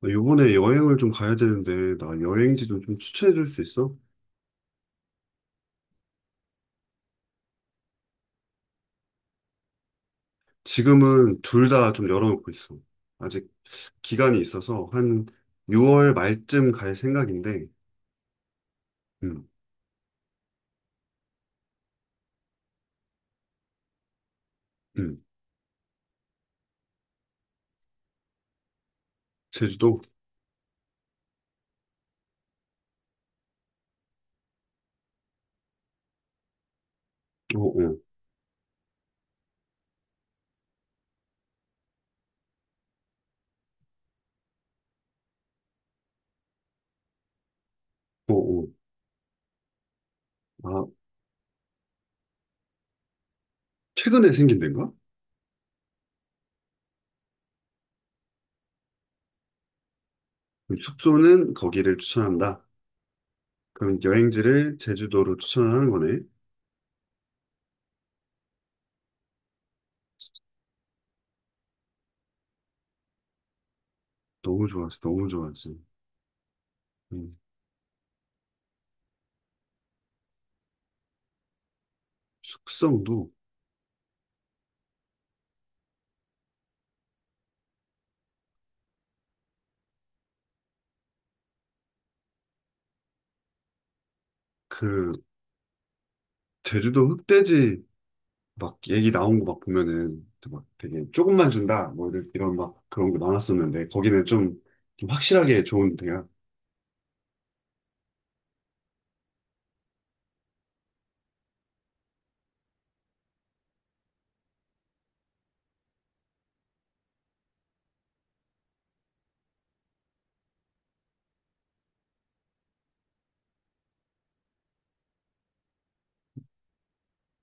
나 요번에 여행을 좀 가야 되는데, 나 여행지 좀, 좀 추천해 줄 수 있어? 지금은 둘 다 좀 열어놓고 있어. 아직 기간이 있어서 한 6월 말쯤 갈 생각인데, 음, 음, 제주도? 오, 오, 오, 오. 아, 최근에 생긴 데인가? 그럼 숙소는 거기를 추천한다. 그럼 여행지를 제주도로 추천하는 거네. 너무 좋았어, 너무 좋았어. 음, 숙성도. 그, 제주도 흑돼지 막 얘기 나온 거 막 보면은 막 되게 조금만 준다 뭐 이런, 이런 막 그런 거 나왔었는데 거기는 좀, 좀 확실하게 좋은 데야.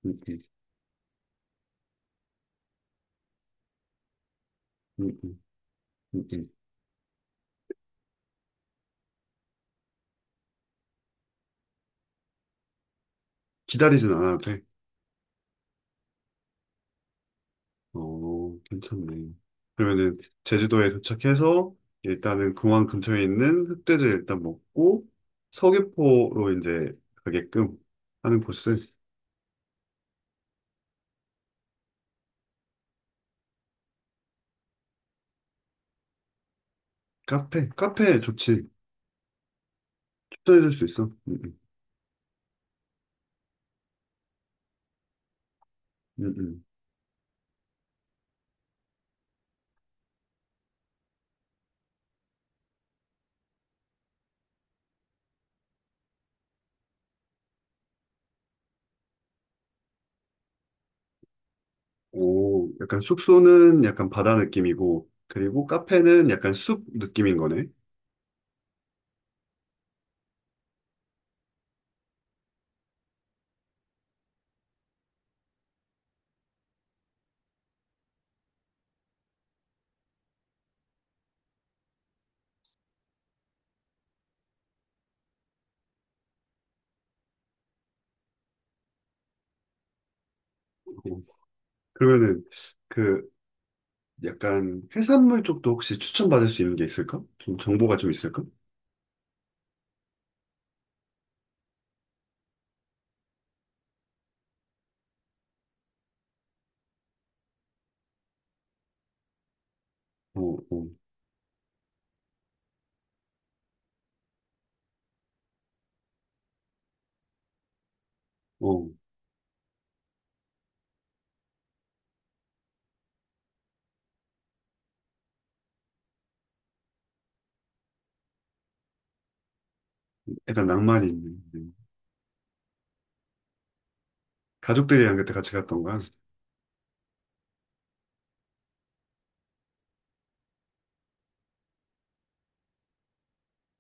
음, 음, 음, 음, 음, 음. 기다리진 않아도 돼. 어, 괜찮네. 그러면은 제주도에 도착해서 일단은 공항 근처에 있는 흑돼지 일단 먹고 서귀포로 이제 가게끔 하는 코스. 카페 좋지. 추천해줄 수 있어. 음, 음. 오, 약간 숙소는 약간 바다 느낌이고, 그리고 카페는 약간 숲 느낌인 거네. 오, 그러면은 그 약간 해산물 쪽도 혹시 추천받을 수 있는 게 있을까? 좀 정보가 좀 있을까? 어, 어, 어. 약간 낭만이 있는. 음. 가족들이랑 그때 같이 갔던 거야.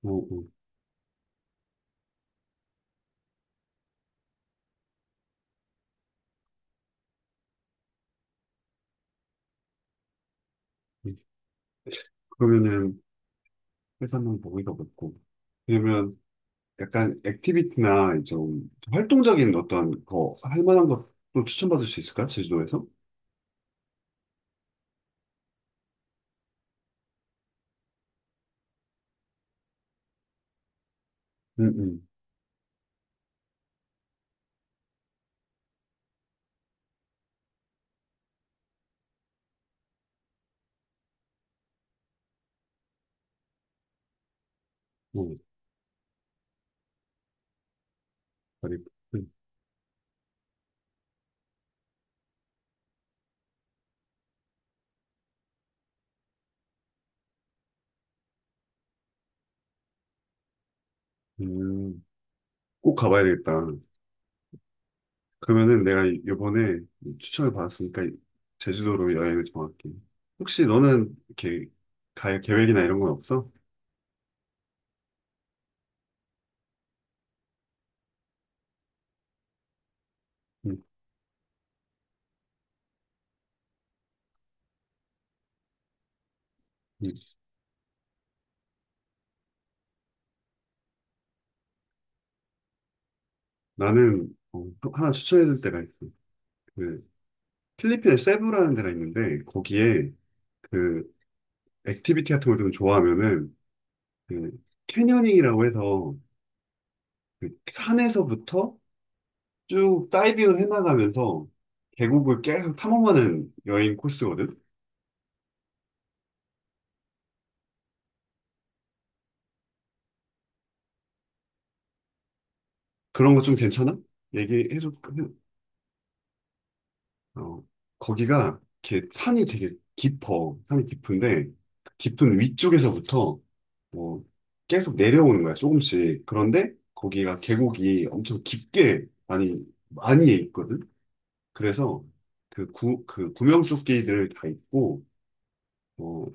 어, 어. 음. 그러면은 해산물 먹이가 먹고. 그러면 약간 액티비티나 좀 활동적인 어떤 거 할 만한 것도 추천받을 수 있을까? 제주도에서? 응 응. 어, 그리고 음, 꼭 가봐야 되겠다. 그러면은 내가 이- 번에 추천을 받았으니까 제주도로 여행을 정할게. 혹시 너는 이렇게 갈 계획이나 이런 건 없어? 음, 음. 나는 어, 또 하나 추천해줄 데가 있어. 그 필리핀에 세부라는 데가 있는데 거기에 그 액티비티 같은 걸 좀 좋아하면은 그 캐녀닝이라고 해서 그 산에서부터 쭉 다이빙을 해나가면서 계곡을 계속 탐험하는 여행 코스거든. 그런 거 좀 괜찮아? 얘기해줘. 어, 거기가 이렇게 산이 되게 깊어. 산이 깊은데, 그 깊은 위쪽에서부터 뭐 계속 내려오는 거야, 조금씩. 그런데 거기가 계곡이 엄청 깊게 많이, 많이 있거든? 그래서 그 구, 그 구명조끼들 다 입고, 어,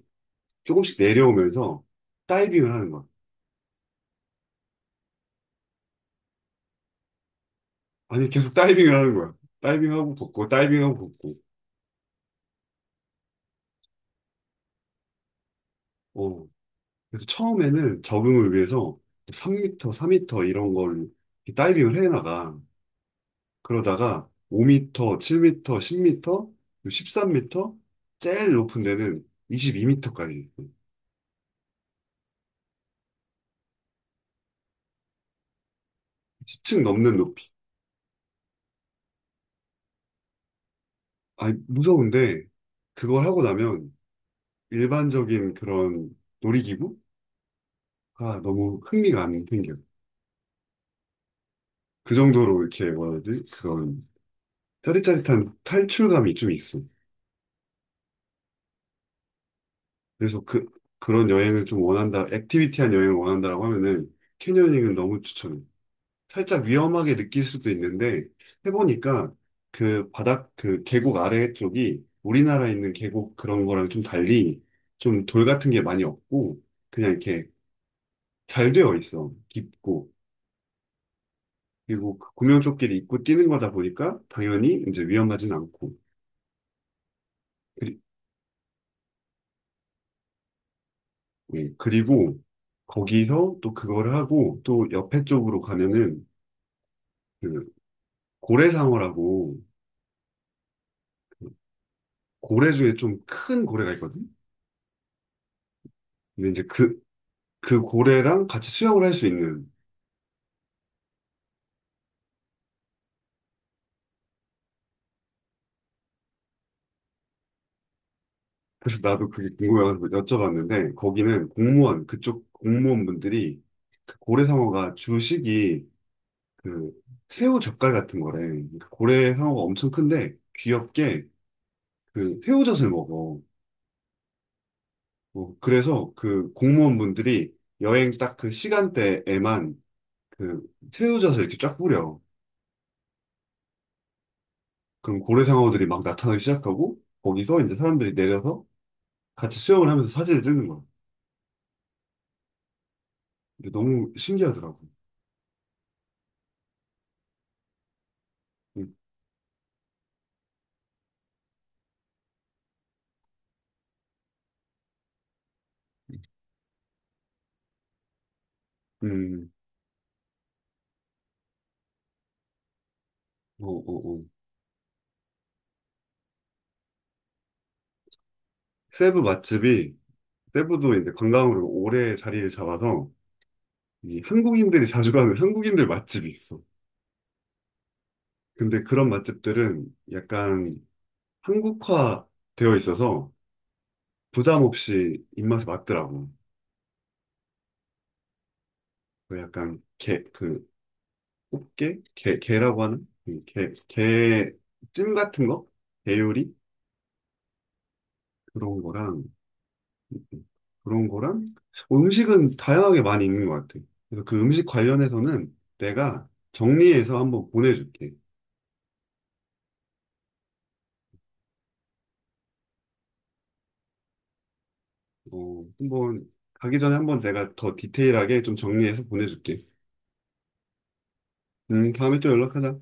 조금씩 내려오면서 다이빙을 하는 거야. 아니, 계속 다이빙을 하는 거야. 다이빙하고 걷고, 다이빙하고 걷고. 어. 그래서 처음에는 적응을 위해서 3미터, 4미터 이런 걸 다이빙을 해나가. 그러다가 5미터, 7미터, 10미터, 13미터, 제일 높은 데는 22미터까지. 10층 넘는 높이. 아, 무서운데 그걸 하고 나면 일반적인 그런 놀이기구가 너무 흥미가 안 생겨. 그 정도로 이렇게 뭐라 해야 되지? 그런 짜릿짜릿한 탈출감이 좀 있어. 그래서 그, 그런 여행을 좀 원한다, 액티비티한 여행을 원한다라고 하면은 캐녀닝은 너무 추천해. 살짝 위험하게 느낄 수도 있는데 해보니까 그 바닥, 그 계곡 아래 쪽이 우리나라에 있는 계곡 그런 거랑 좀 달리 좀 돌 같은 게 많이 없고 그냥 이렇게 잘 되어 있어. 깊고. 그리고 그 구명조끼를 입고 뛰는 거다 보니까 당연히 이제 위험하진 않고. 그리, 예, 그리고 거기서 또 그거를 하고 또 옆에 쪽으로 가면은 그 고래상어라고 그 고래 중에 좀 큰 고래가 있거든. 근데 이제 그, 그 고래랑 같이 수영을 할 수 있는. 그래서 나도 그게 궁금해가지고 여쭤봤는데 거기는 공무원 그쪽 공무원분들이 그 고래상어가 주식이 그 새우 젓갈 같은 거래. 그러니까 고래상어가 엄청 큰데 귀엽게 그 새우젓을 먹어. 어, 그래서 그 공무원분들이 여행 딱 그 시간대에만 그 새우젓을 이렇게 쫙 뿌려. 그럼 고래 상어들이 막 나타나기 시작하고 거기서 이제 사람들이 내려서 같이 수영을 하면서 사진을 찍는 거야. 이게 너무 신기하더라고. 음, 음, 어, 어, 어. 세부 맛집이 세부도 이제 관광으로 오래 자리를 잡아서 이 한국인들이 자주 가는 한국인들 맛집이 있어. 근데 그런 맛집들은 약간 한국화 되어 있어서 부담 없이 입맛에 맞더라고. 그 약간 게, 그 꽃게, 게, 게라고 하는 이 게, 게찜 같은 거, 게 요리 그런 거랑, 그런 거랑, 음식은 다양하게 많이 있는 것 같아. 그래서 그 음식 관련해서는 내가 정리해서 한번 보내줄게. 어, 한번, 가기 전에 한번 내가 더 디테일하게 좀 정리해서 보내줄게. 다음에 또 연락하자.